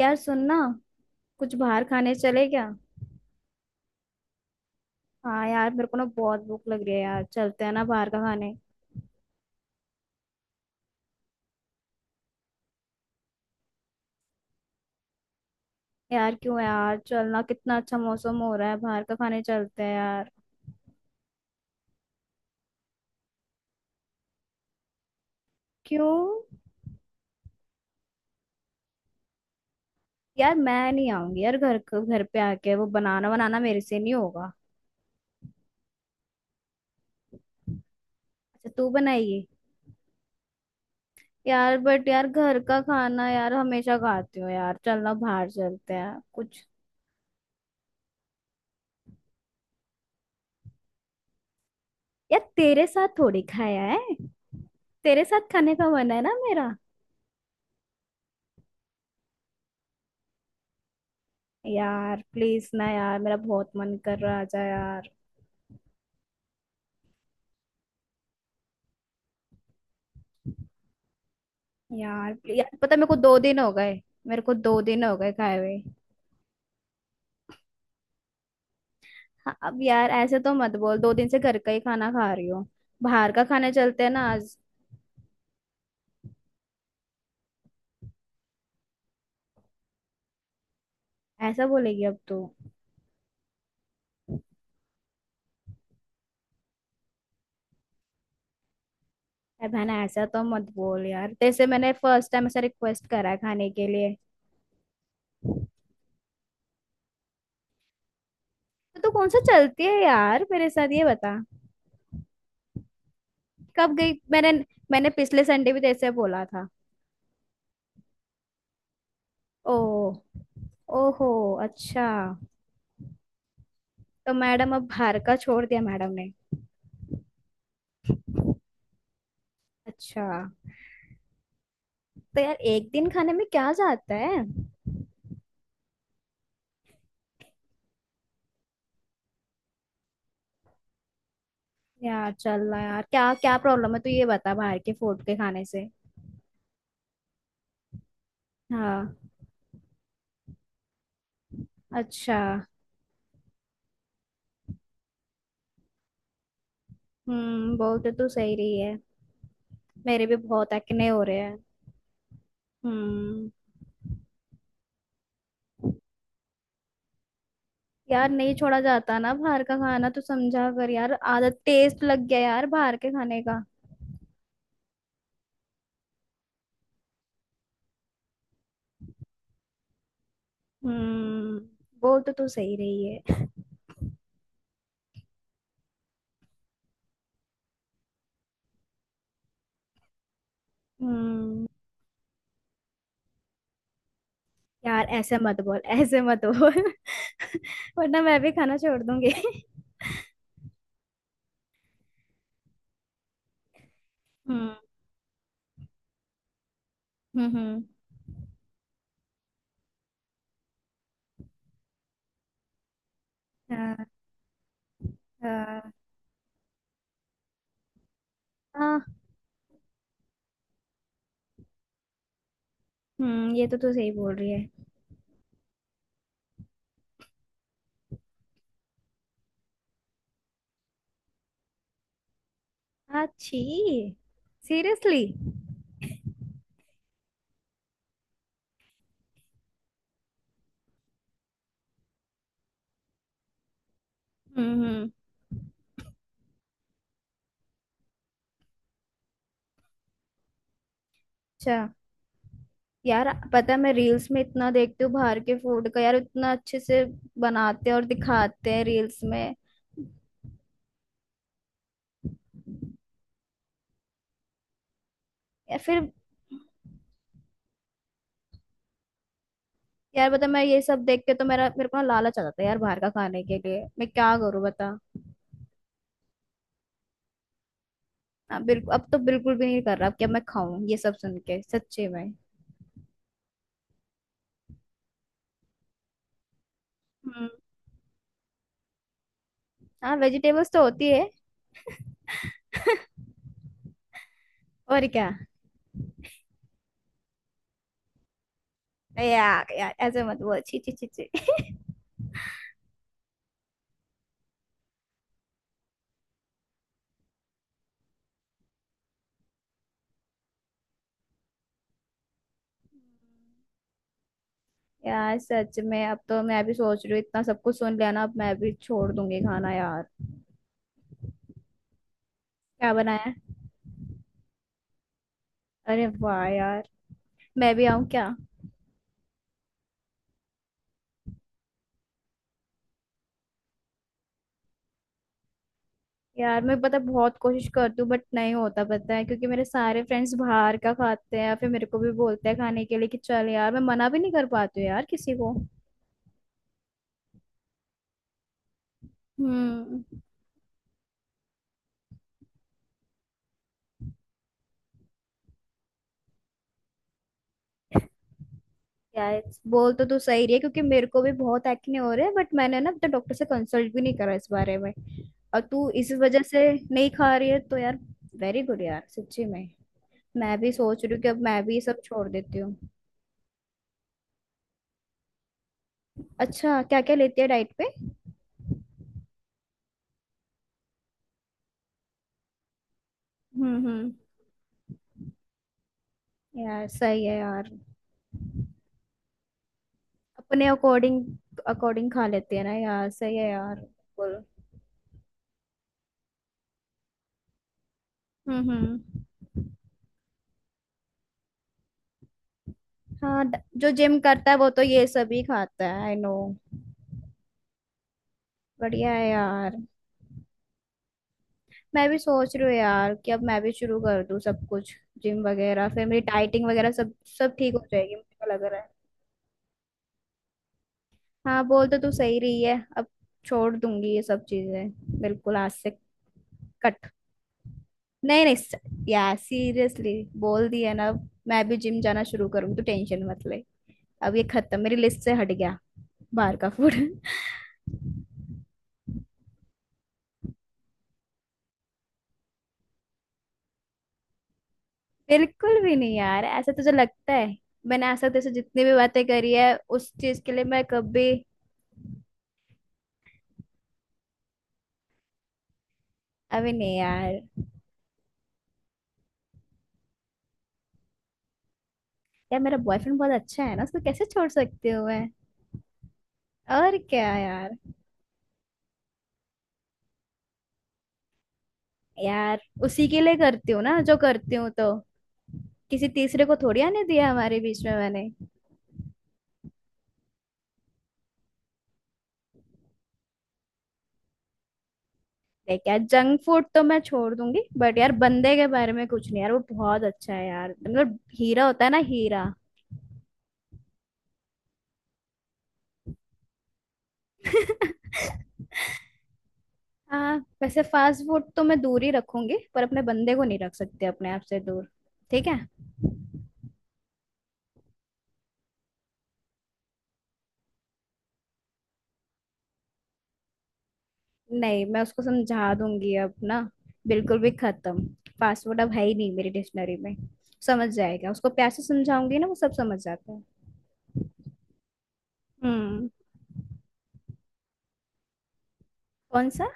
यार सुनना, कुछ बाहर खाने चले क्या। हाँ यार, मेरे को ना बहुत भूख लग रही है यार, चलते हैं ना बाहर का खाने। यार क्यों यार, चलना, कितना अच्छा मौसम हो रहा है, बाहर का खाने चलते हैं यार। क्यों? यार मैं नहीं आऊंगी यार, घर पे आके वो बनाना बनाना मेरे से नहीं होगा। अच्छा तू बनाइए। यार बट यार घर का खाना यार हमेशा खाती हूँ यार, चलना बाहर चलते हैं कुछ। यार तेरे साथ थोड़ी खाया है, तेरे साथ खाने का मन है ना मेरा। यार प्लीज ना यार, मेरा बहुत मन कर रहा है, आजा यार। यार प्लीज यार, पता है, मेरे को दो दिन हो गए। मेरे को दो दिन हो गए खाए हुए। हाँ, अब यार ऐसे तो मत बोल, दो दिन से घर का ही खाना खा रही हूँ। बाहर का खाने चलते हैं ना आज। ऐसा बोलेगी अब तू। अरे बहन ऐसा तो मत बोल यार, जैसे मैंने फर्स्ट टाइम ऐसा रिक्वेस्ट करा है खाने के लिए। तो तू कौन सा चलती है यार मेरे साथ, ये बता। कब गई मैंने? मैंने पिछले संडे भी तेरे से बोला था। ओ। ओहो। अच्छा। तो मैडम अब बाहर का छोड़ दिया मैडम ने। अच्छा। तो यार एक दिन खाने में क्या जाता है। यार चल रहा यार, क्या क्या प्रॉब्लम है तू ये बता बाहर के फूड के खाने से। हाँ। अच्छा। हम्म, बोलते तो सही रही है। मेरे भी बहुत एक्ने हो रहे हैं। हम्म। यार नहीं छोड़ा जाता ना बाहर का खाना, तो समझा कर यार, आदत टेस्ट लग गया यार बाहर के खाने का। हम्म, बोलते तो सही रही है। हम्म। यार ऐसे मत बोल, ऐसे मत बोल। वरना मैं भी खाना छोड़ दूंगी। हम्म हम्म। हम्म। हाँ। हाँ। हाँ, हम्म, ये तो तू सही बोल रही है। अच्छी। सीरियसली। हम्म। अच्छा। यार पता है मैं रील्स में इतना देखती हूँ बाहर के फूड का, यार इतना अच्छे से बनाते हैं और दिखाते हैं रील्स में। या फिर। यार बता, मैं ये सब देख के तो मेरा मेरे को ना लालच आ जाता है यार बाहर का खाने के लिए, मैं क्या करूँ बता। हाँ बिल्कुल, अब तो बिल्कुल भी नहीं कर रहा, अब क्या मैं खाऊं ये सब सुन के सच्चे में। हम्म। हाँ वेजिटेबल्स तो होती है। और क्या यार। यार ऐसे मत बोल, छी छी छी छी। यार सच में अब तो मैं भी सोच रही हूँ, इतना सब कुछ सुन लिया ना, अब मैं भी छोड़ दूंगी खाना यार। क्या बनाया है? अरे वाह यार। मैं भी आऊँ क्या। यार मैं पता बहुत कोशिश करती हूँ बट नहीं होता पता है, क्योंकि मेरे सारे फ्रेंड्स बाहर का खाते हैं या फिर मेरे को भी बोलते हैं खाने के लिए कि चल यार, मैं मना भी नहीं कर पाती हूँ यार किसी को। हम्म। यार बोल तो तू सही रही है, क्योंकि मेरे को भी बहुत एक्ने हो रहे हैं, बट मैंने ना अब तक डॉक्टर से कंसल्ट भी नहीं करा इस बारे में। और तू इस वजह से नहीं खा रही है तो यार। वेरी गुड यार, सच्ची में। मैं भी सोच रही हूँ कि अब मैं भी ये सब छोड़ देती हूँ। अच्छा क्या क्या लेती है डाइट पे। हम्म। यार सही है यार। अपने अकॉर्डिंग अकॉर्डिंग खा लेते हैं ना यार, सही है यार। बोल। हम्म। हाँ, जो जिम करता है वो तो ये सब ही खाता है, आई नो। बढ़िया है यार। मैं भी सोच रही हूँ यार कि अब मैं भी शुरू कर दूँ सब कुछ, जिम वगैरह, फिर मेरी डाइटिंग वगैरह सब, सब ठीक हो जाएगी मुझे तो लग रहा है। हाँ बोल तो तू सही रही है, अब छोड़ दूंगी ये सब चीजें बिल्कुल आज से। कट। नहीं नहीं स- यार सीरियसली, बोल दिया ना, अब मैं भी जिम जाना शुरू करूंगी तो टेंशन मत ले। अब ये खत्म, मेरी लिस्ट से हट गया बाहर का फूड। बिल्कुल भी नहीं यार, ऐसा तुझे लगता है। मैंने आज तक जैसे जितनी भी बातें करी है उस चीज के लिए मैं कभी। अभी नहीं यार। यार मेरा बॉयफ्रेंड बहुत अच्छा है ना, उसको कैसे छोड़ सकती हूँ मैं। और क्या यार। यार उसी के लिए करती हूँ ना जो करती हूँ तो। किसी तीसरे को थोड़ी आने दिया हमारे बीच में मैंने। देख यार, जंक फूड तो मैं छोड़ दूंगी बट यार बंदे के बारे में कुछ नहीं, यार वो बहुत अच्छा है यार, मतलब हीरा होता है ना हीरा। हाँ। वैसे फास्ट फूड तो मैं दूर ही रखूंगी, पर अपने बंदे को नहीं रख सकती अपने आप से दूर। ठीक है। नहीं मैं उसको समझा दूंगी अब ना, बिल्कुल भी खत्म, पासवर्ड अब है ही नहीं मेरी डिक्शनरी में। समझ जाएगा, उसको प्यार से समझाऊंगी ना, वो सब समझ जाता है। हम्म। कौन सा?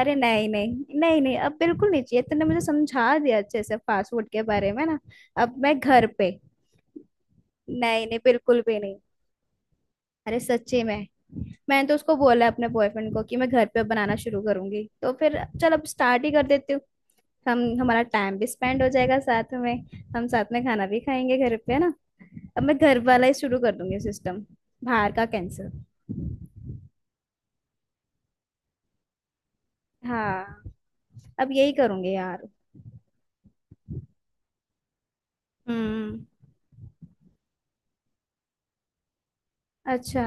अरे नहीं नहीं नहीं नहीं, अब बिल्कुल नहीं चाहिए, तूने मुझे समझा दिया अच्छे से पासवर्ड के बारे में ना। अब मैं घर पे। नहीं नहीं बिल्कुल भी नहीं। अरे सच्ची में। मैंने तो उसको बोला अपने बॉयफ्रेंड को कि मैं घर पे बनाना शुरू करूंगी, तो फिर चल अब स्टार्ट ही कर देती हूँ। हम हमारा टाइम भी स्पेंड हो जाएगा साथ में, हम साथ में खाना भी खाएंगे घर पे, है ना। अब मैं घर वाला ही शुरू कर दूंगी सिस्टम, बाहर का कैंसिल। हाँ, अब यही करूंगी यार। हम्म। अच्छा।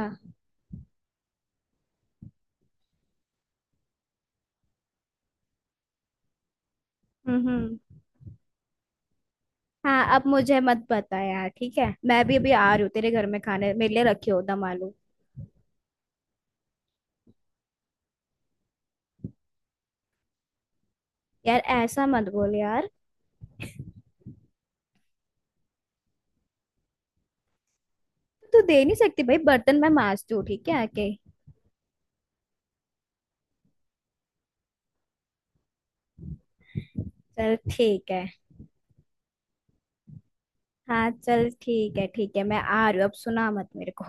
हम्म। हाँ अब मुझे मत बता यार, ठीक है मैं भी अभी आ रही हूँ तेरे घर में खाने, मेरे लिए रखी हो दम आलू। यार ऐसा मत बोल यार। तू दे नहीं सकती भाई, बर्तन मैं मांजती हूँ ठीक है आके। चल ठीक है। हाँ चल ठीक है, ठीक है मैं आ रही हूँ, अब सुना मत मेरे को।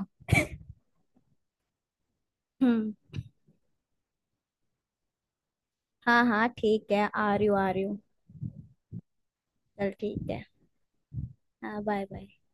हम्म। हाँ हाँ ठीक है, आ रही हूँ आ रही हूँ। चल ठीक है। हाँ बाय बाय।